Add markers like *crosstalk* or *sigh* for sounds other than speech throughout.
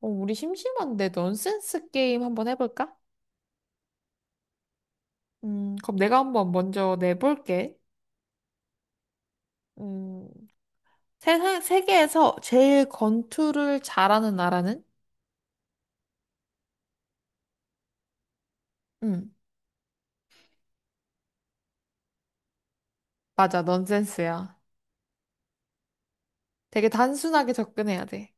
우리 심심한데 넌센스 게임 한번 해볼까? 그럼 내가 한번 먼저 내볼게. 음, 세계에서 제일 권투를 잘하는 나라는? 음, 맞아, 넌센스야. 되게 단순하게 접근해야 돼.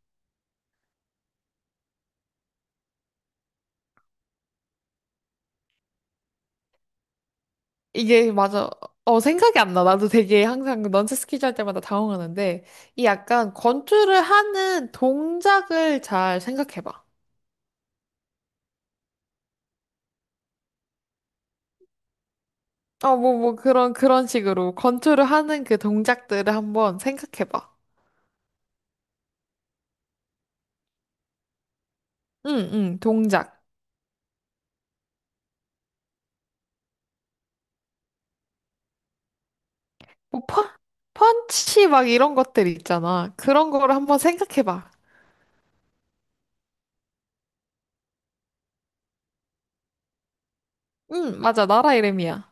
이게 맞아. 생각이 안 나. 나도 되게 항상 넌센스 퀴즈 할 때마다 당황하는데, 이 약간 권투를 하는 동작을 잘 생각해봐. 어, 그런 식으로 권투를 하는 그 동작들을 한번 생각해봐. 응, 응, 동작. 뭐, 펀치 막 이런 것들 있잖아. 그런 거를 한번 생각해봐. 응, 맞아. 나라 이름이야.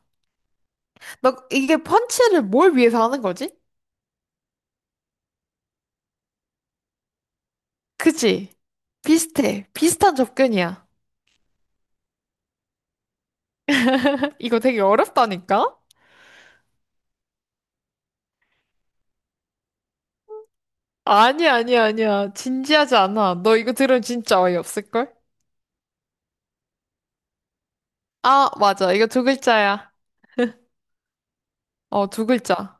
너 이게 펀치를 뭘 위해서 하는 거지? 그치? 비슷해. 비슷한 접근이야. 이거 되게 어렵다니까? 아니야. 진지하지 않아. 너 이거 들으면 진짜 어이없을걸? 아, 맞아. 이거 두 글자야. 어, 두 글자.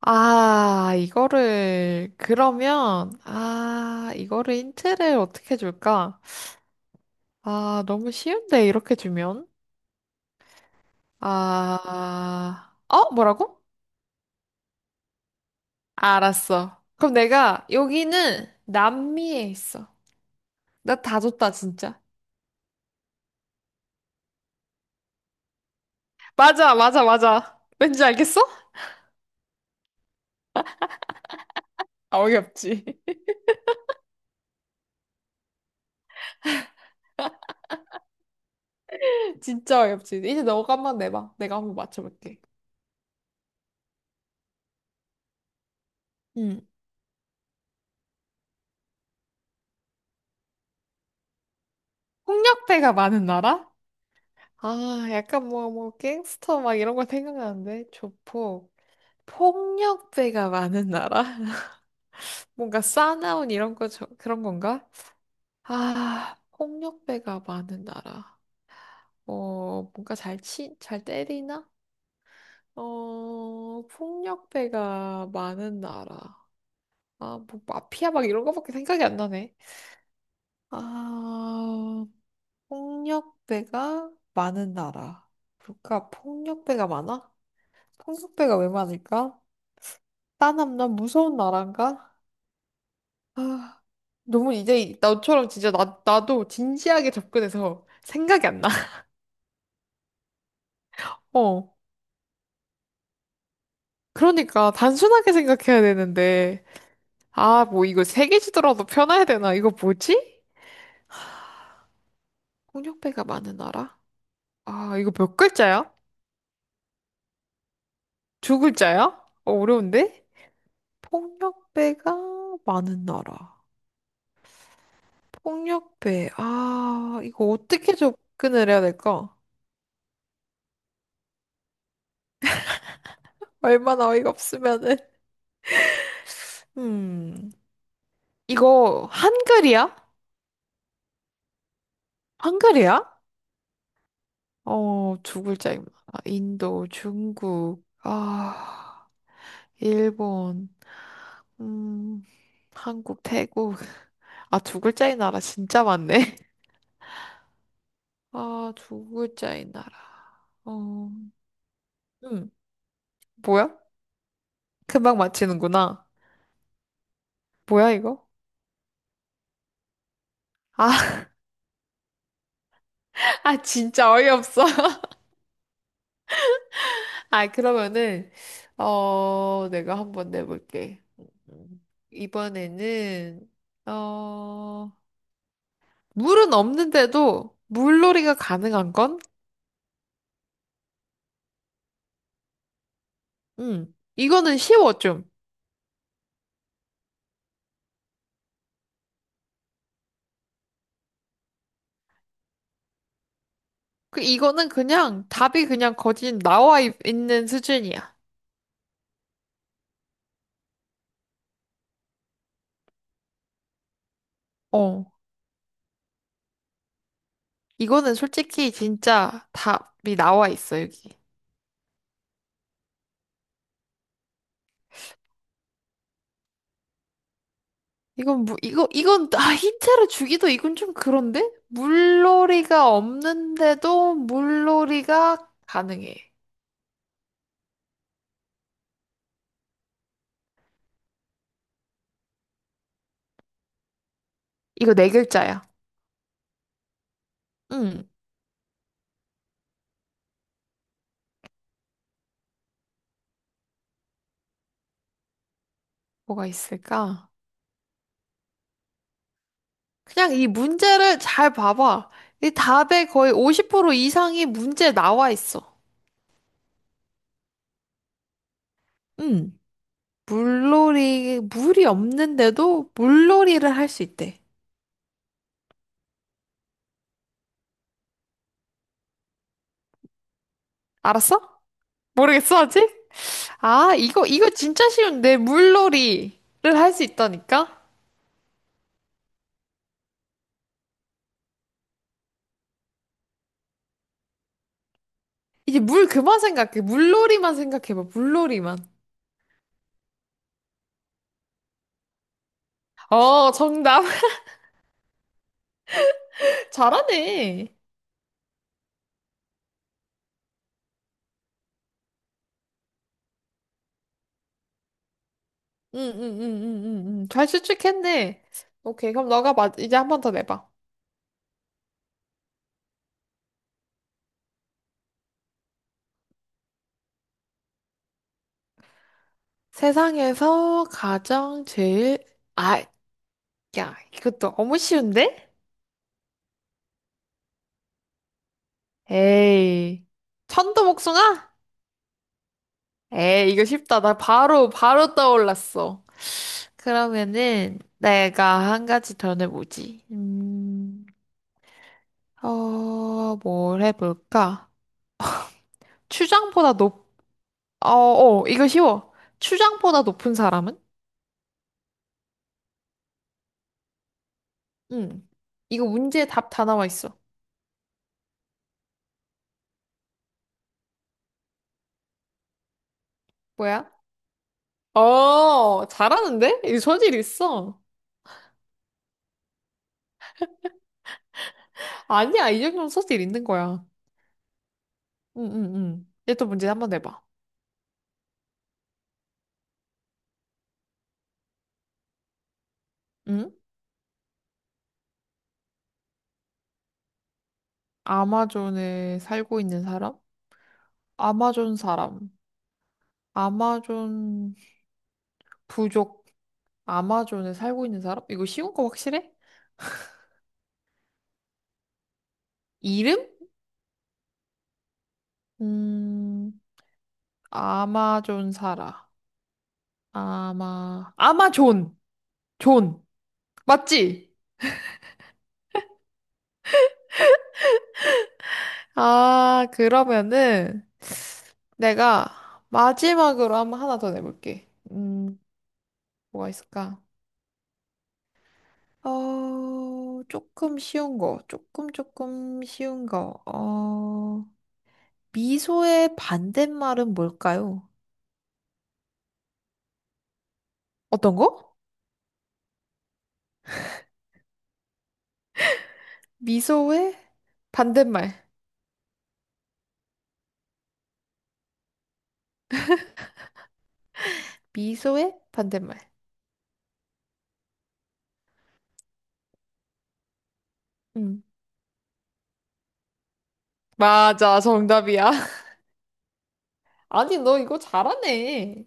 아, 이거를 힌트를 어떻게 줄까? 아, 너무 쉬운데, 이렇게 주면? 아, 어? 뭐라고? 알았어. 그럼 내가, 여기는 남미에 있어. 나 다 줬다, 진짜. 맞아. 왠지 알겠어? 아, 어이없지. *laughs* 진짜 어이없지. 이제 너가 한번 내봐. 내가 한번 맞춰볼게. 응. 폭력배가 많은 나라? 아, 약간 갱스터 막 이런 거 생각나는데. 조폭. 폭력배가 많은 나라? *laughs* 뭔가 싸나운 이런 거, 저, 그런 건가? 아, 폭력배가 많은 나라. 어, 뭔가 잘 때리나? 어, 폭력배가 많은 나라. 아, 뭐, 마피아 막 이런 거밖에 생각이 안 나네. 아, 폭력배가 많은 나라. 그러니까 폭력배가 많아? 폭력배가 왜 많을까? 싸남남 무서운 나라인가? 아, 너무 이제 나처럼 진짜 나도 진지하게 접근해서 생각이 안 나. *laughs* 어. 그러니까 단순하게 생각해야 되는데 아 뭐 이거 세 개 주더라도 편해야 되나 이거 뭐지? 폭력배가 많은 나라? 아 이거 몇 글자야? 두 글자야? 어, 어려운데? 폭력배가 많은 나라 폭력배 아 이거 어떻게 접근을 해야 될까? 얼마나 어이가 없으면은 음 이거 한글이야? 한글이야? 어 두 글자입니다 아, 인도 중국 아 일본, 음, 한국, 태국. 아, 두 글자인 나라 진짜 많네. *laughs* 아, 두 글자인 나라. 어, 음, 뭐야? 금방 맞히는구나. 뭐야, 이거? 아, *laughs* 아, 진짜 어이없어. *laughs* 아, 그러면은, 어, 내가 한번 내볼게. 음, 이번에는, 어, 물은 없는데도 물놀이가 가능한 건? 이거는 쉬워, 좀. 그 이거는 그냥 답이 그냥 거진 있는 수준이야. 어. 이거는 솔직히 진짜 답이 나와 있어, 여기. 이건 뭐 이거 이건 아 힌트를 주기도 이건 좀 그런데? 물놀이가 없는데도 물놀이가 가능해. 이거 네 글자야. 응. 뭐가 있을까? 그냥 이 문제를 잘 봐봐. 이 답의 거의 50% 이상이 문제에 나와 있어. 응. 물놀이, 물이 없는데도 물놀이를 할 수 있대. 알았어? 모르겠어, 아직? 아, 이거 진짜 쉬운데. 물놀이를 할 수 있다니까? 이제 물 그만 생각해. 물놀이만 생각해봐. 물놀이만. 어, 정답. *laughs* 잘하네. 응. 잘 추측했네. 오케이. 그럼 너가 마, 이제 한 번 더 내봐. 세상에서 가장 제일, 아, 야, 이것도 너무 쉬운데? 에이. 천도복숭아? 에이, 이거 쉽다. 나 바로 떠올랐어. 그러면은, 내가 한 가지 더 내보지. 어, 뭘 해볼까? 추장보다 높, 어, 어, 이거 쉬워. 추장보다 높은 사람은? 응. 이거 문제 답 다 나와 있어. 뭐야? 어, 잘하는데? 이 소질 있어. 아니야, 이 정도면 소질 있는 거야. 응. 얘 또 문제 한번 내봐. 응? 아마존에 살고 있는 사람? 아마존 사람. 아마존 부족, 아마존에 살고 있는 사람? 이거 쉬운 거 확실해? 이름? 음, 아마존 살아. 아마존! 존! 맞지? 아, 그러면은 내가 마지막으로 한번 하나 더 내볼게. 뭐가 있을까? 어, 조금 쉬운 거, 조금 쉬운 거. 어, 미소의 반대말은 뭘까요? 어떤 거? 미소의 반대말. 미소의 반대말. 음. 맞아, 정답이야. *laughs* 아니, 너 이거 잘하네.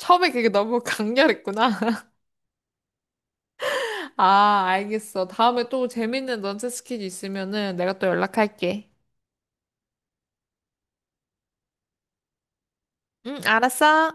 처음에 그게 너무 강렬했구나. *laughs* 아, 알겠어. 다음에 또 재밌는 넌센스 퀴즈 있으면은 내가 또 연락할게. 응, 알았어.